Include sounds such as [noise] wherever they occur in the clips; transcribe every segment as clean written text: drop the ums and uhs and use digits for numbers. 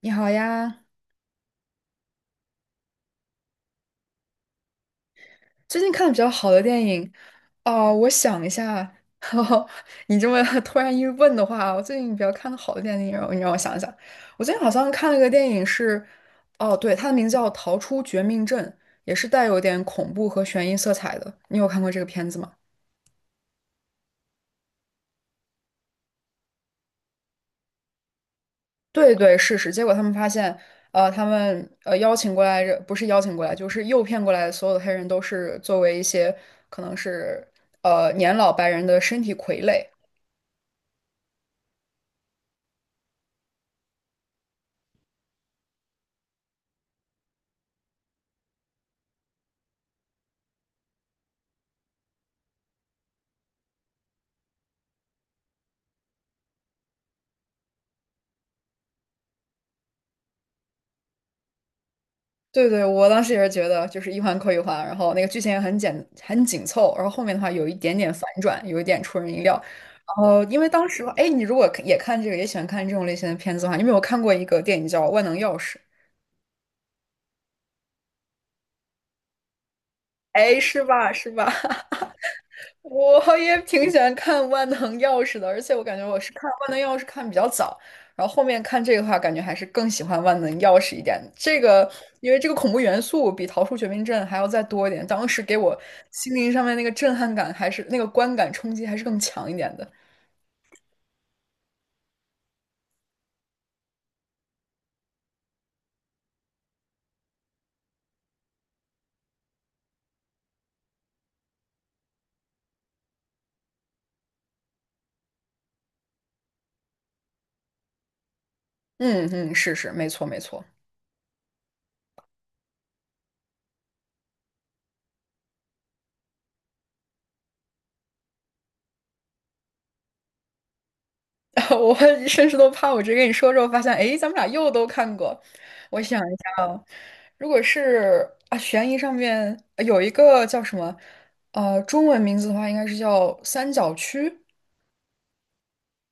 你好呀，最近看的比较好的电影，哦，我想一下，[laughs] 哦你这么 [laughs] 突然一问的话，我最近比较看的好的电影，你让我想一想，我最近好像看了个电影是，哦，对，它的名字叫《逃出绝命镇》，也是带有点恐怖和悬疑色彩的。你有看过这个片子吗？对对，是是。结果他们发现，他们邀请过来，不是邀请过来，就是诱骗过来的所有的黑人都是作为一些可能是年老白人的身体傀儡。对对，我当时也是觉得就是一环扣一环，然后那个剧情也很简很紧凑，然后后面的话有一点点反转，有一点出人意料。然后因为当时，哎，你如果也看这个，也喜欢看这种类型的片子的话，你有没有看过一个电影叫《万能钥匙》？哎，是吧？是吧？我也挺喜欢看《万能钥匙》的，而且我感觉我是看《万能钥匙》看比较早，然后后面看这个的话，感觉还是更喜欢《万能钥匙》一点。这个因为这个恐怖元素比《逃出绝命镇》还要再多一点，当时给我心灵上面那个震撼感，还是那个观感冲击还是更强一点的。嗯嗯，是是，没错没错。[laughs] 我甚至都怕我直接跟你说之后发现，诶，咱们俩又都看过。我想一下啊，如果是啊，悬疑上面有一个叫什么，呃，中文名字的话应该是叫《三角区》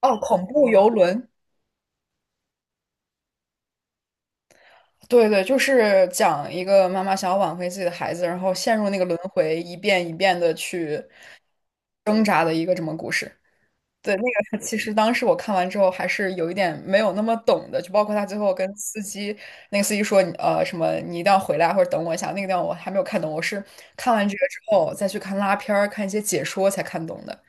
哦，恐怖游轮。对对，就是讲一个妈妈想要挽回自己的孩子，然后陷入那个轮回，一遍一遍的去挣扎的一个这么故事。对，那个其实当时我看完之后还是有一点没有那么懂的，就包括他最后跟司机，那个司机说，什么你一定要回来或者等我一下，那个地方我还没有看懂，我是看完这个之后再去看拉片儿、看一些解说才看懂的。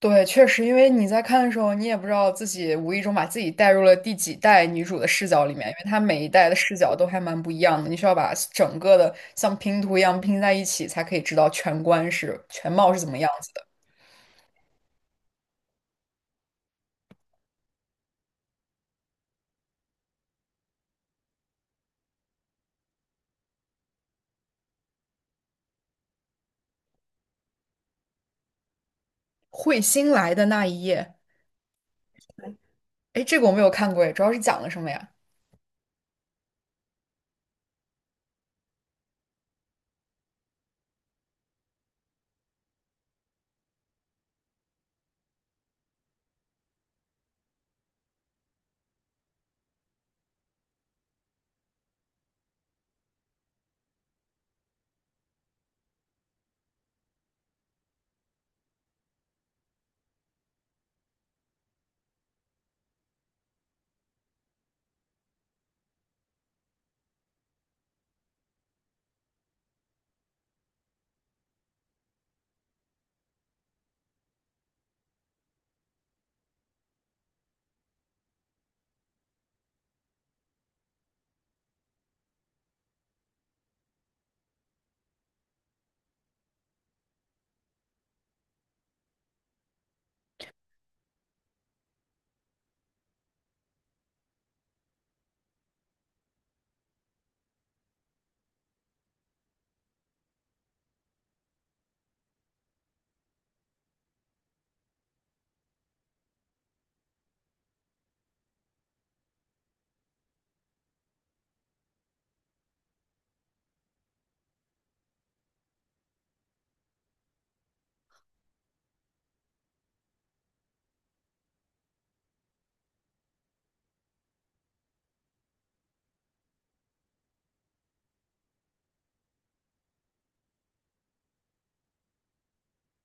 对，确实，因为你在看的时候，你也不知道自己无意中把自己带入了第几代女主的视角里面，因为她每一代的视角都还蛮不一样的，你需要把整个的像拼图一样拼在一起，才可以知道全观是全貌是怎么样子的。彗星来的那一夜。哎，这个我没有看过，哎，主要是讲了什么呀？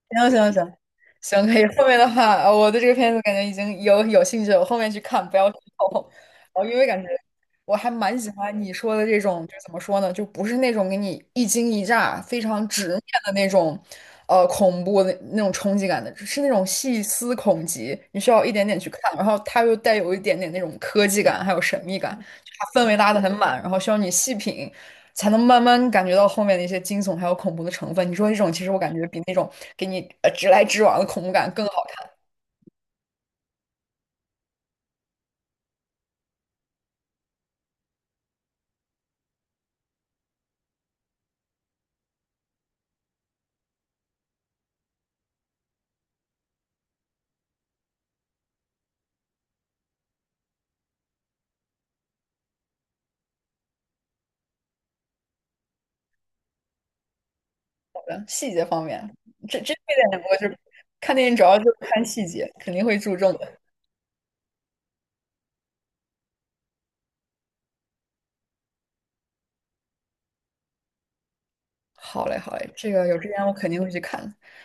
行行行，行，可以。后面的话，我对这个片子感觉已经有兴趣了，我后面去看，不要剧透。然后，因为感觉我还蛮喜欢你说的这种，就怎么说呢，就不是那种给你一惊一乍、非常直面的那种，呃，恐怖的那种冲击感的，是那种细思恐极，你需要一点点去看，然后它又带有一点点那种科技感，还有神秘感，就它氛围拉的很满，然后需要你细品，才能慢慢感觉到后面的一些惊悚还有恐怖的成分。你说这种，其实我感觉比那种给你直来直往的恐怖感更好看。好觉得细节方面，这点我就是看电影主要就是看细节，肯定会注重的。好嘞，好嘞，这个有时间我肯定会去看。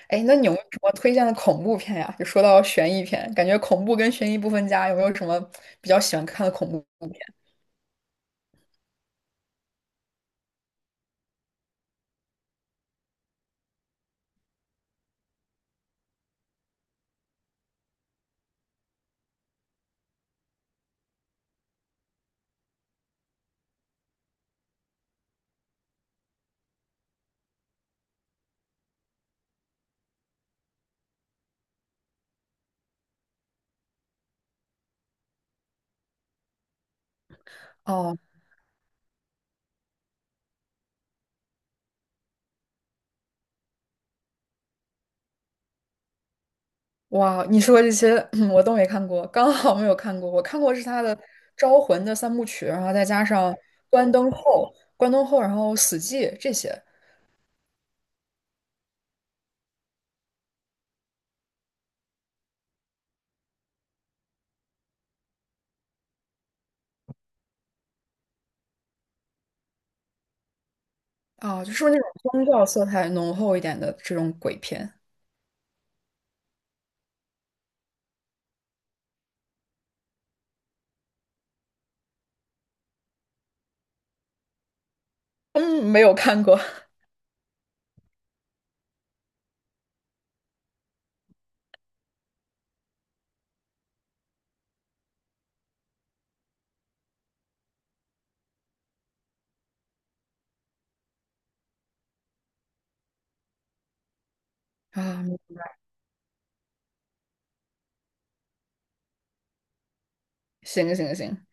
哎，那你有没有什么推荐的恐怖片呀？就说到悬疑片，感觉恐怖跟悬疑不分家，有没有什么比较喜欢看的恐怖片？哦，哇，你说这些 [clears throat] 我都没看过，刚好没有看过。我看过是他的《招魂》的三部曲，然后再加上《关灯后》、《关灯后》，然后《死寂》这些啊，就是那种宗教色彩浓厚一点的这种鬼片。嗯，没有看过 [laughs] 啊，行行行，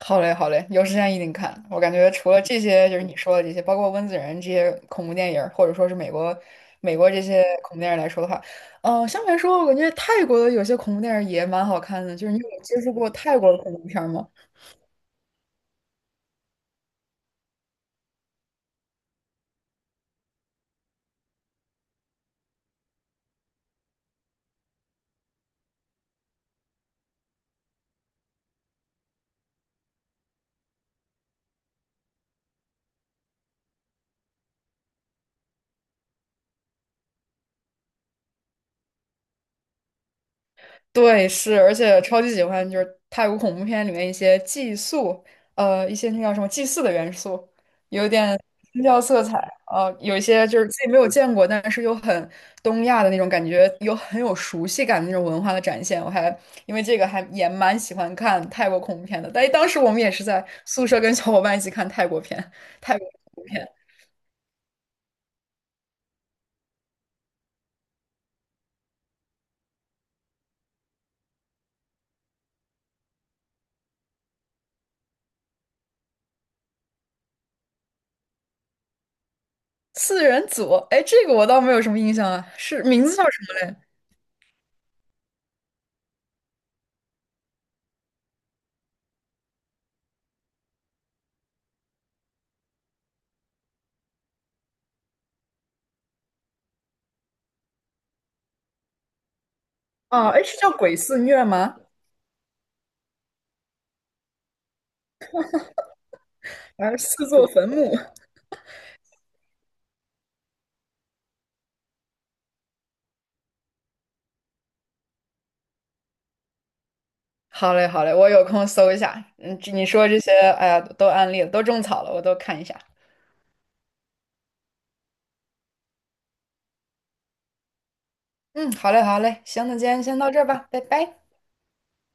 好嘞，好嘞，有时间一定看。我感觉除了这些，就是你说的这些，包括温子仁这些恐怖电影儿，或者说是美国这些恐怖电影儿来说的话，嗯，相对来说，我感觉泰国的有些恐怖电影儿也蛮好看的。就是你有接触过泰国的恐怖片儿吗？对，是，而且超级喜欢就是泰国恐怖片里面一些寄宿，呃，一些那叫什么祭祀的元素，有点宗教色彩，呃，有一些就是自己没有见过，但是又很东亚的那种感觉，有很有熟悉感的那种文化的展现。我还因为这个还也蛮喜欢看泰国恐怖片的，但当时我们也是在宿舍跟小伙伴一起看泰国片，泰国恐怖片四人组，哎，这个我倒没有什么印象啊，是名字叫什么嘞？啊，哎，是叫鬼肆虐吗？而四座坟墓。[laughs] 好嘞，好嘞，我有空搜一下。嗯，这你说这些，哎呀，都案例了，都种草了，我都看一下。嗯，好嘞，好嘞，行，那今天先到这儿吧，拜拜。